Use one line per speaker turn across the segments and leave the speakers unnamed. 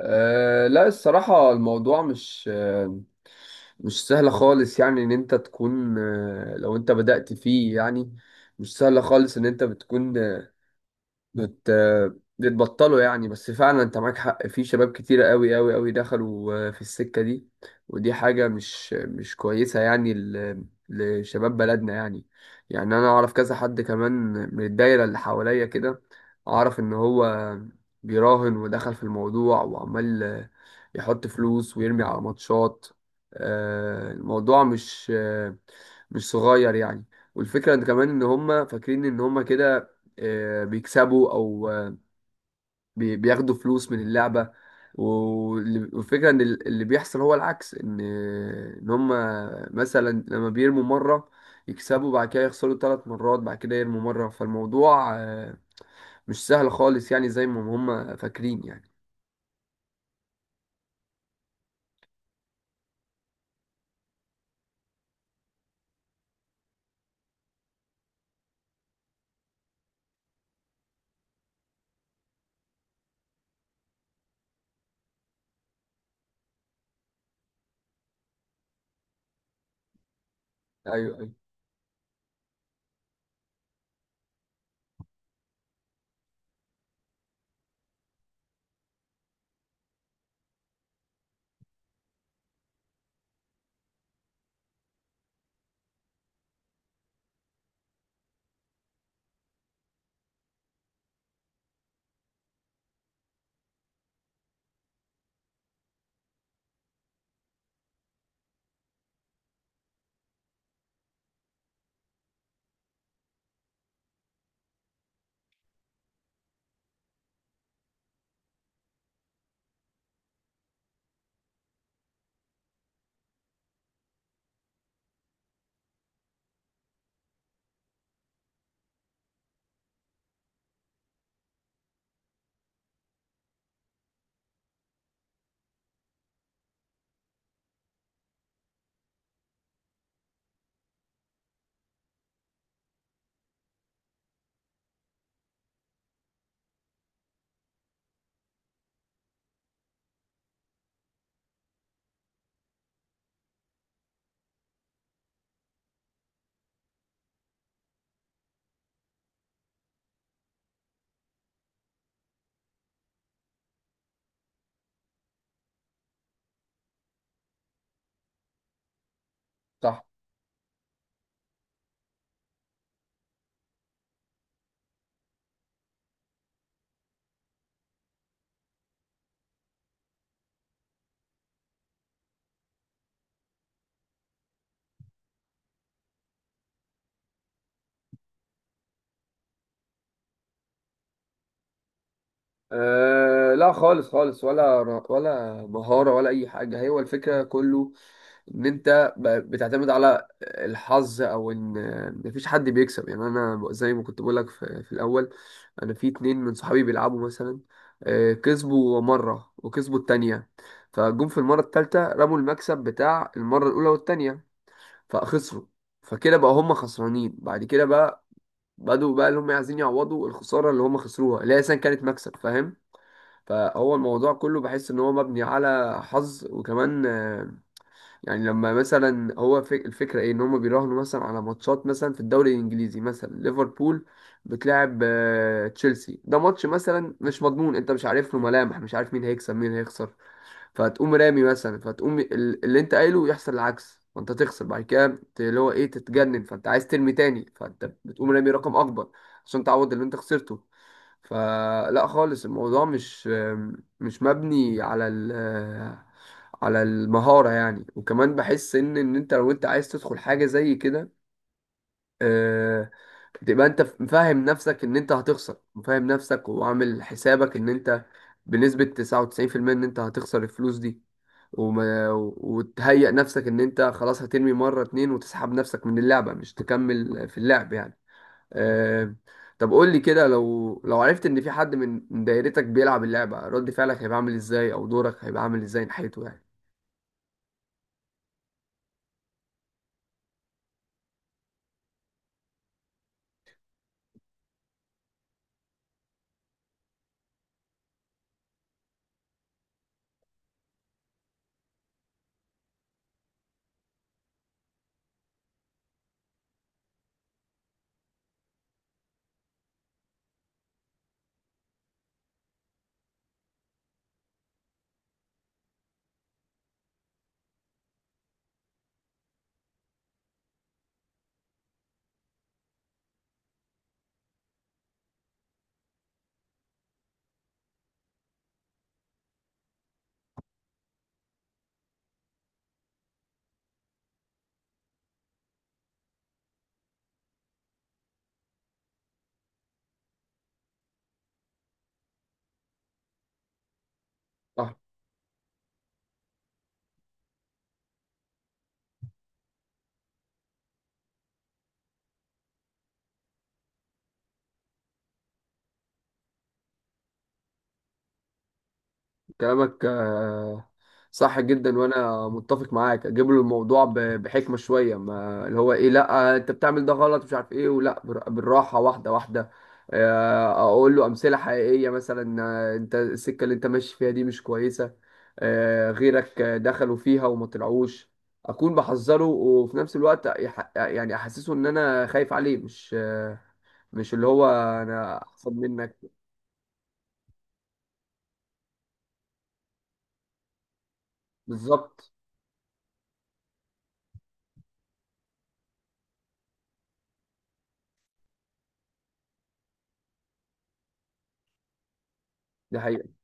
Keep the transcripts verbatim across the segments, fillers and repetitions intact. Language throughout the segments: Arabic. أه لا، الصراحة الموضوع مش أه مش سهل خالص. يعني إن أنت تكون أه لو أنت بدأت فيه، يعني مش سهل خالص إن أنت بتكون آه، بت... بتبطلوا يعني. بس فعلا انت معاك حق، في شباب كتيرة قوي قوي قوي دخلوا آه، في السكة دي، ودي حاجة مش مش كويسة يعني ل... لشباب بلدنا يعني. يعني انا اعرف كذا حد كمان من الدايرة اللي حواليا كده، اعرف ان هو بيراهن ودخل في الموضوع وعمال آه، يحط فلوس ويرمي على ماتشات. آه، الموضوع مش آه، مش صغير يعني. والفكرة ان كمان ان هم فاكرين ان هم كده آه، بيكسبوا، او آه، بي- بياخدوا فلوس من اللعبه، وال- والفكره ان ال- اللي بيحصل هو العكس، ان ان هم مثلا لما بيرموا مره يكسبوا، بعد كده يخسروا ثلاث مرات، بعد كده يرموا مره. فالموضوع آه، مش سهل خالص يعني زي ما هم فاكرين يعني. ايوه، ايوه. صح. أه لا خالص خالص، ولا ولا مهارة ولا أي حاجة، هي هو الفكرة كله إن أنت ب- بتعتمد على الحظ، أو إن إن مفيش حد بيكسب يعني. أنا زي ما كنت بقولك في, في الأول، أنا في اتنين من صحابي بيلعبوا مثلا. أه كسبوا مرة وكسبوا التانية، فجم في المرة التالتة رموا المكسب بتاع المرة الأولى والتانية فخسروا. فكده بقى هم خسرانين، بعد كده بقى بدوا بقى اللي هم عايزين يعوضوا الخسارة اللي هم خسروها، اللي هي أساسا كانت مكسب، فاهم؟ فهو الموضوع كله، بحس ان هو مبني على حظ. وكمان آه، يعني لما مثلا هو فك- الفكره ايه، ان هم بيراهنوا مثلا على ماتشات مثلا في الدوري الانجليزي، مثلا ليفربول بتلاعب آه، تشيلسي، ده ماتش مثلا مش مضمون، انت مش عارف له ملامح، مش عارف مين هيكسب مين هيخسر. فتقوم رامي مثلا، فتقوم ال- اللي انت قايله يحصل العكس، فانت تخسر، بعد كده ت- اللي هو ايه تتجنن، فانت عايز ترمي تاني، فانت بتقوم رامي رقم اكبر عشان تعوض اللي انت خسرته. فلا خالص، الموضوع مش مش مبني على ال على المهارة يعني. وكمان بحس ان ان انت لو انت عايز تدخل حاجة زي كده، آه، بتبقى انت فاهم نفسك ان انت هتخسر، وفاهم نفسك وعامل حسابك ان انت بنسبة تسعة وتسعين في المية ان انت هتخسر الفلوس دي، وما وتهيأ نفسك ان انت خلاص هترمي مرة اتنين وتسحب نفسك من اللعبة، مش تكمل في اللعب يعني. آه، طب قول لي كده، لو لو عرفت ان في حد من من دايرتك بيلعب اللعبة، رد فعلك هيبقى عامل ازاي، او دورك هيبقى عامل ازاي ناحيته يعني؟ كلامك آه، صح جدا وانا متفق معاك. اجيب له الموضوع ب- بحكمه شويه، ما اللي هو ايه، لا آه، انت بتعمل ده غلط مش عارف ايه، ولا بر- بالراحه واحده واحده. آه، اقول له امثله حقيقيه، مثلا آه، انت السكه اللي انت ماشي فيها دي مش كويسه، آه، غيرك آه، دخلوا فيها وما طلعوش. اكون بحذره وفي نفس الوقت يح- يعني احسسه ان انا خايف عليه، مش آه، مش اللي هو انا احسن منك. بالظبط. دي حقيقه.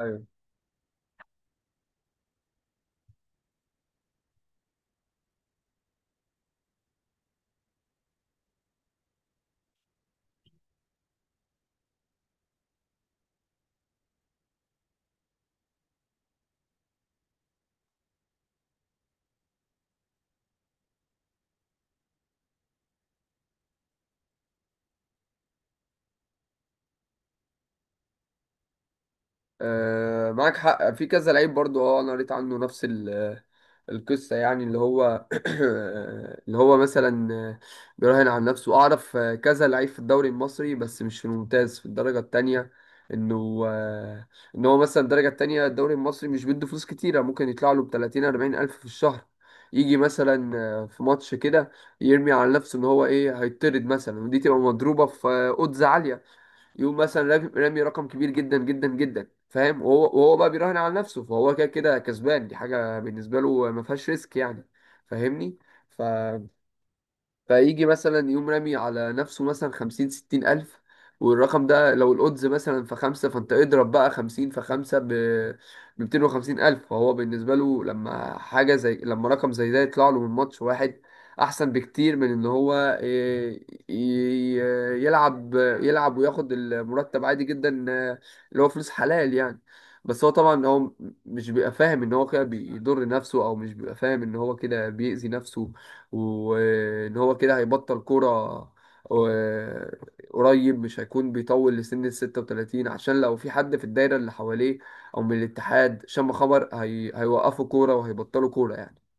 أيوه. آه، معاك حق في كذا لعيب برضو، اه انا قريت عنه نفس ال- القصة يعني. اللي هو اللي هو مثلا آه، بيراهن على نفسه. اعرف آه، كذا لعيب في الدوري المصري، بس مش في الممتاز، في الدرجة التانية. انه آه، ان هو مثلا الدرجة التانية الدوري المصري مش بيدوا فلوس كتيرة، ممكن يطلع له ب تلاتين اربعين الف في الشهر. يجي مثلا آه، في ماتش كده، يرمي على نفسه ان هو ايه هيطرد مثلا، ودي تبقى مضروبة في آه، odds عالية. يقوم مثلا رامي رامي رقم كبير جدا جدا جدا، فاهم؟ وهو وهو بقى بيراهن على نفسه، فهو كده كده كسبان، دي حاجه بالنسبه له ما فيهاش ريسك يعني. فاهمني؟ ف فيجي مثلا يقوم رامي على نفسه مثلا خمسين ستين ألف، والرقم ده لو الأودز مثلا في خمسة، فأنت اضرب بقى خمسين في خمسة ب بميتين وخمسين ألف، فهو بالنسبة له لما حاجة زي لما رقم زي ده يطلع له من ماتش واحد، أحسن بكتير من إن هو إيه، ي- ي- يلعب يلعب وياخد المرتب عادي جدا اللي هو فلوس حلال يعني. بس هو طبعا هو مش بيبقى فاهم إن هو كده بيضر نفسه، أو مش بيبقى فاهم إن هو كده بيأذي نفسه، وان هو كده هيبطل كوره. آه، قريب مش هيكون بيطول لسن ال الستة وتلاتين، عشان لو في حد في الدايره اللي حواليه او من الاتحاد شم خبر هي... هيوقفوا كوره وهيبطلوا كوره يعني.